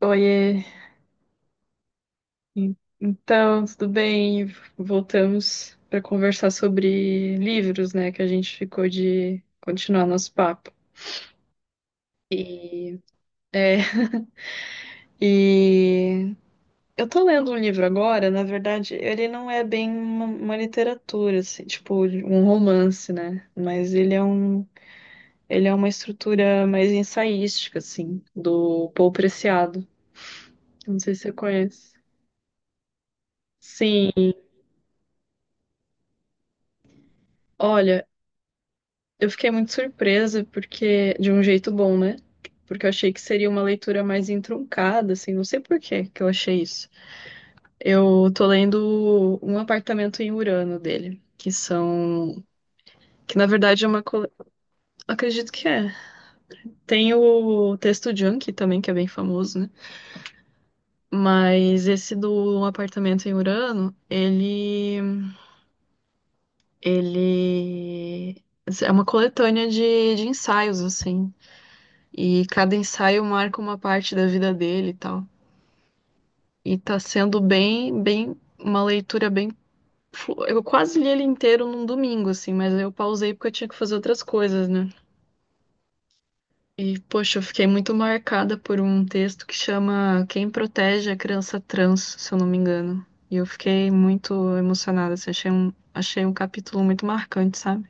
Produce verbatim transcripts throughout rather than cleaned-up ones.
Oiê. En- então, tudo bem? Voltamos para conversar sobre livros, né? Que a gente ficou de continuar nosso papo. É, e eu tô lendo um livro agora. Na verdade, ele não é bem uma, uma literatura, assim, tipo um romance, né? Mas ele é um, ele é uma estrutura mais ensaística, assim, do Paul Preciado. Não sei se você conhece. Sim. Olha, eu fiquei muito surpresa, porque, de um jeito bom, né? Porque eu achei que seria uma leitura mais entroncada, assim. Não sei por que que eu achei isso. Eu tô lendo Um Apartamento em Urano dele, que são, que na verdade é uma, cole- acredito que é. Tem o texto Junkie também, que é bem famoso, né? Mas esse do Um Apartamento em Urano, ele, ele é uma coletânea de, de ensaios, assim. E cada ensaio marca uma parte da vida dele e tal. E tá sendo bem, bem, uma leitura bem. flu- Eu quase li ele inteiro num domingo, assim, mas eu pausei porque eu tinha que fazer outras coisas, né? E, poxa, eu fiquei muito marcada por um texto que chama Quem Protege a Criança Trans, se eu não me engano. E eu fiquei muito emocionada, assim. Achei um, achei um capítulo muito marcante, sabe?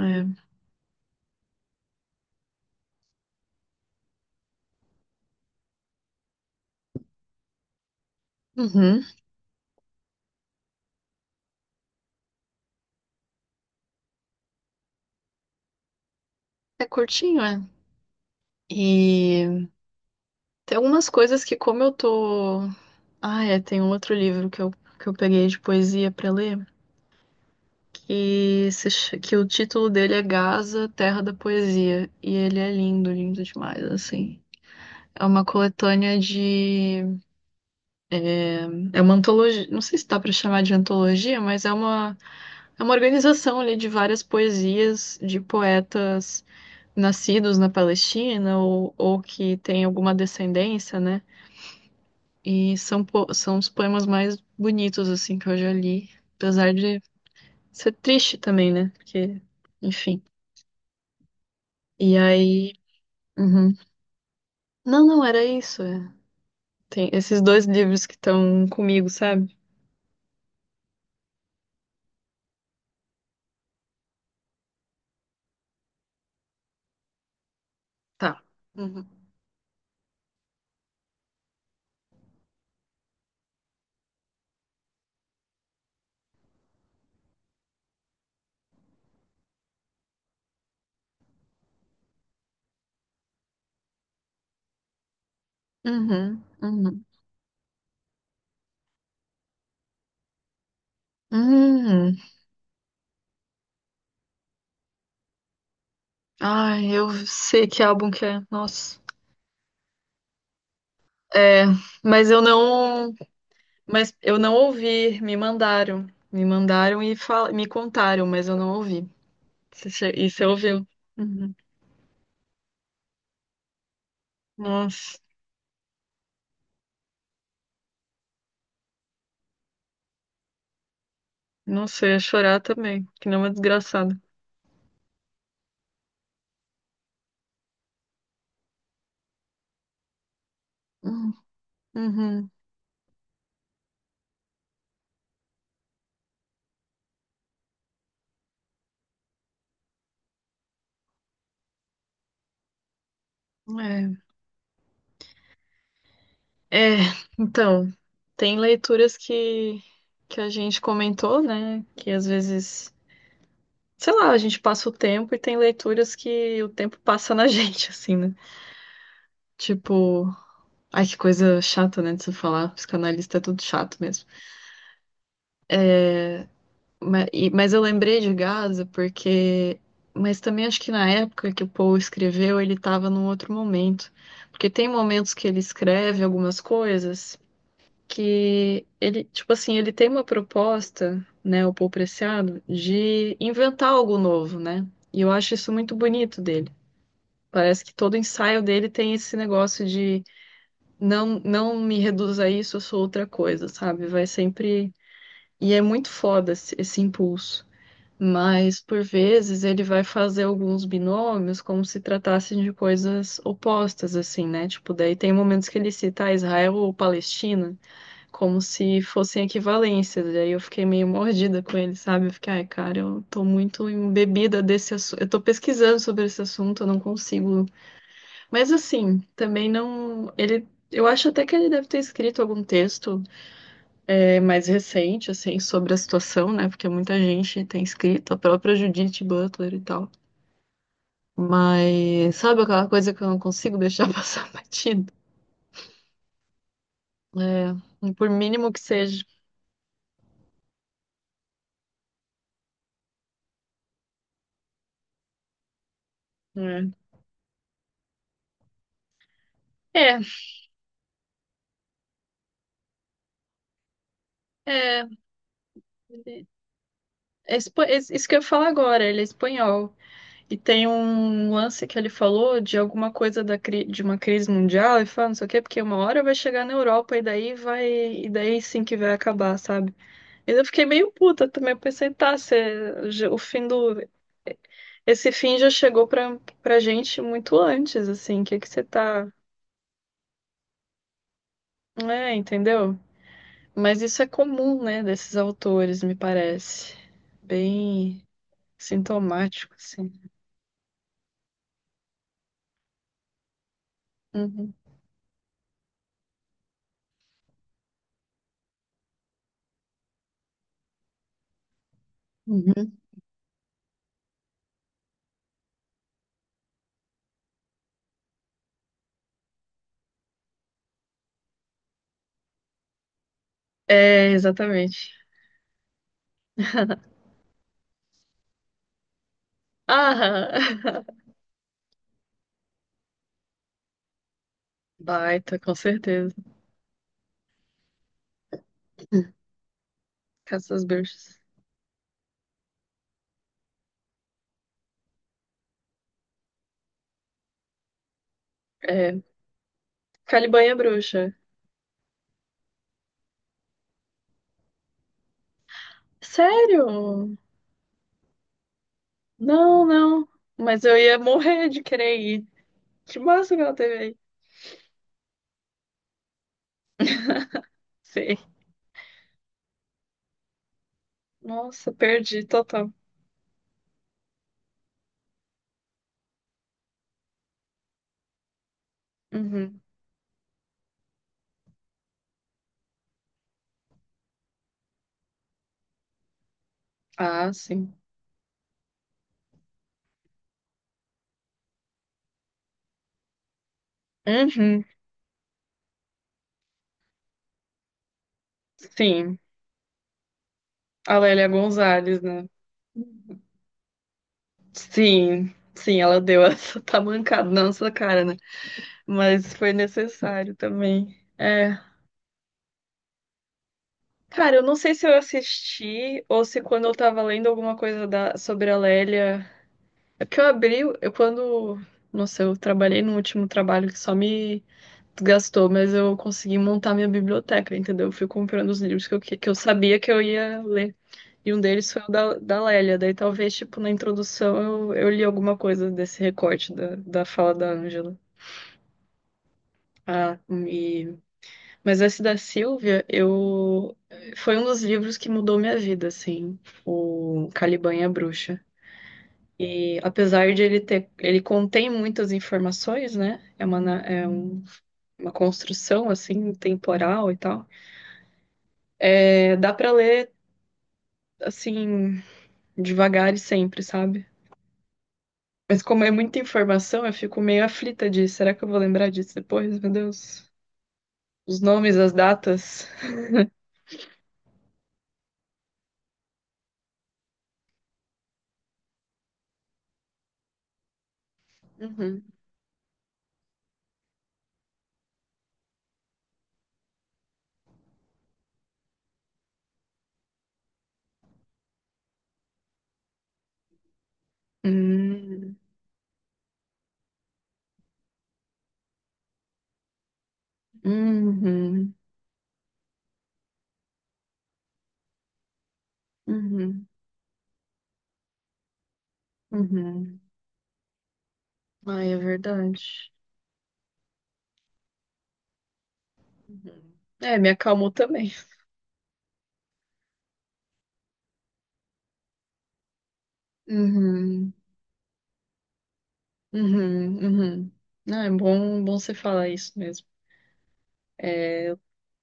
É. Uhum. É curtinho, é. E tem algumas coisas que, como eu tô... Ah, é, tem um outro livro que eu, que eu peguei de poesia pra ler, que, se, ch- que o título dele é Gaza, Terra da Poesia. E ele é lindo, lindo demais, assim. É uma coletânea de... É, é uma antologia, não sei se dá pra chamar de antologia, mas é uma, é uma organização ali de várias poesias de poetas nascidos na Palestina ou, ou que têm alguma descendência, né? E são, po- são os poemas mais bonitos, assim, que eu já li. Apesar de... Isso é triste também, né? Porque, enfim. E aí. Uhum. Não, não, era isso. É. Tem esses dois livros que estão comigo, sabe? Tá. Uhum. Uhum. Uhum. Uhum. Ai, eu sei que álbum que é. Nossa. É, mas eu não. Mas eu não ouvi. Me mandaram. Me mandaram e fal... me contaram, mas eu não ouvi. Você che- E você ouviu? Uhum. Nossa. Nossa, eu ia chorar também, que não é uma desgraçada. Uhum. Uhum. É. É, então, tem leituras que, que a gente comentou, né? Que às vezes, sei lá, a gente passa o tempo e tem leituras que o tempo passa na gente, assim, né? Tipo, ai que coisa chata, né? De se falar, psicanalista é tudo chato mesmo. Mas, mas eu lembrei de Gaza porque... Mas também acho que na época que o Poe escreveu, ele estava num outro momento. Porque tem momentos que ele escreve algumas coisas, que ele, tipo assim, ele tem uma proposta, né, o Paul Preciado, de inventar algo novo, né? E eu acho isso muito bonito dele. Parece que todo ensaio dele tem esse negócio de não, não me reduza a isso, eu sou outra coisa, sabe? Vai sempre. E é muito foda esse, esse impulso. Mas, por vezes, ele vai fazer alguns binômios como se tratassem de coisas opostas, assim, né? Tipo, daí tem momentos que ele cita: "Ah, Israel ou Palestina", como se fossem equivalências. E aí eu fiquei meio mordida com ele, sabe? Eu fiquei, ai, cara, eu tô muito embebida desse assunto. Eu tô pesquisando sobre esse assunto, eu não consigo. Mas assim, também não. Ele... Eu acho até que ele deve ter escrito algum texto é, mais recente, assim, sobre a situação, né? Porque muita gente tem escrito, a própria Judith Butler e tal. Mas sabe aquela coisa que eu não consigo deixar passar batido? É, por mínimo que seja. É, é, é, É espa- é isso que eu ia falar agora, ele é espanhol. E tem um lance que ele falou de alguma coisa da cri- de uma crise mundial, e fala, não sei o quê, porque uma hora vai chegar na Europa e daí vai, e daí sim que vai acabar, sabe? E eu fiquei meio puta também. Eu pensei, tá, cê- já- o fim do... Esse fim já chegou pra, pra gente muito antes, assim. O que que você tá... É, entendeu? Mas isso é comum, né, desses autores, me parece. Bem sintomático, assim. Uhum. É, exatamente. Ah, baita, com certeza. Caça das bruxas. É, Caliban é bruxa. Sério? Não, não. Mas eu ia morrer de querer ir. Que massa que ela teve aí. Sim. Nossa, perdi total. Uhum. Ah, sim. Uhum. Sim. A Lélia Gonzalez, né? Sim. Sim, ela deu essa tamancada na nossa cara, né? Mas foi necessário também. É. Cara, eu não sei se eu assisti ou se quando eu tava lendo alguma coisa da, sobre a Lélia. É porque eu abri, eu quando... Nossa, eu trabalhei no último trabalho que só me desgastou, mas eu consegui montar minha biblioteca, entendeu? Eu fui comprando os livros que eu, que que eu sabia que eu ia ler. E um deles foi o da, da Lélia. Daí talvez, tipo, na introdução eu, eu li alguma coisa desse recorte da, da fala da Ângela. Ah, e... Mas esse da Silvia, eu foi um dos livros que mudou minha vida, assim, o Caliban e a Bruxa. E apesar de ele ter, ele contém muitas informações, né? É uma, na- é um- uma construção assim temporal e tal. É, dá pra ler assim devagar e sempre, sabe? Mas como é muita informação, eu fico meio aflita de, será que eu vou lembrar disso depois? Meu Deus. Os nomes, as datas. Uhum. Hum, uhum, uhum. Uhum. Ai, é verdade. Uhum. É, me acalmou também. Uhum. Uhum. Uhum. Não, é bom, bom você falar isso mesmo.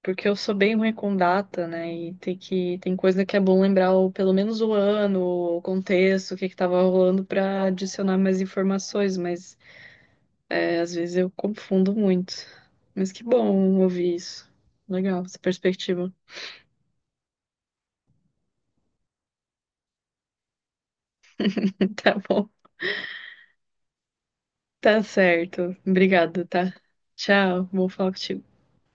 Porque eu sou bem ruim com data, né? E tem que, tem coisa que é bom lembrar, o, pelo menos o ano, o contexto, o que que tava rolando pra adicionar mais informações. Mas é, às vezes eu confundo muito. Mas que bom ouvir isso. Legal, essa perspectiva. Tá bom. Tá certo. Obrigada, tá? Tchau. Bom falar contigo.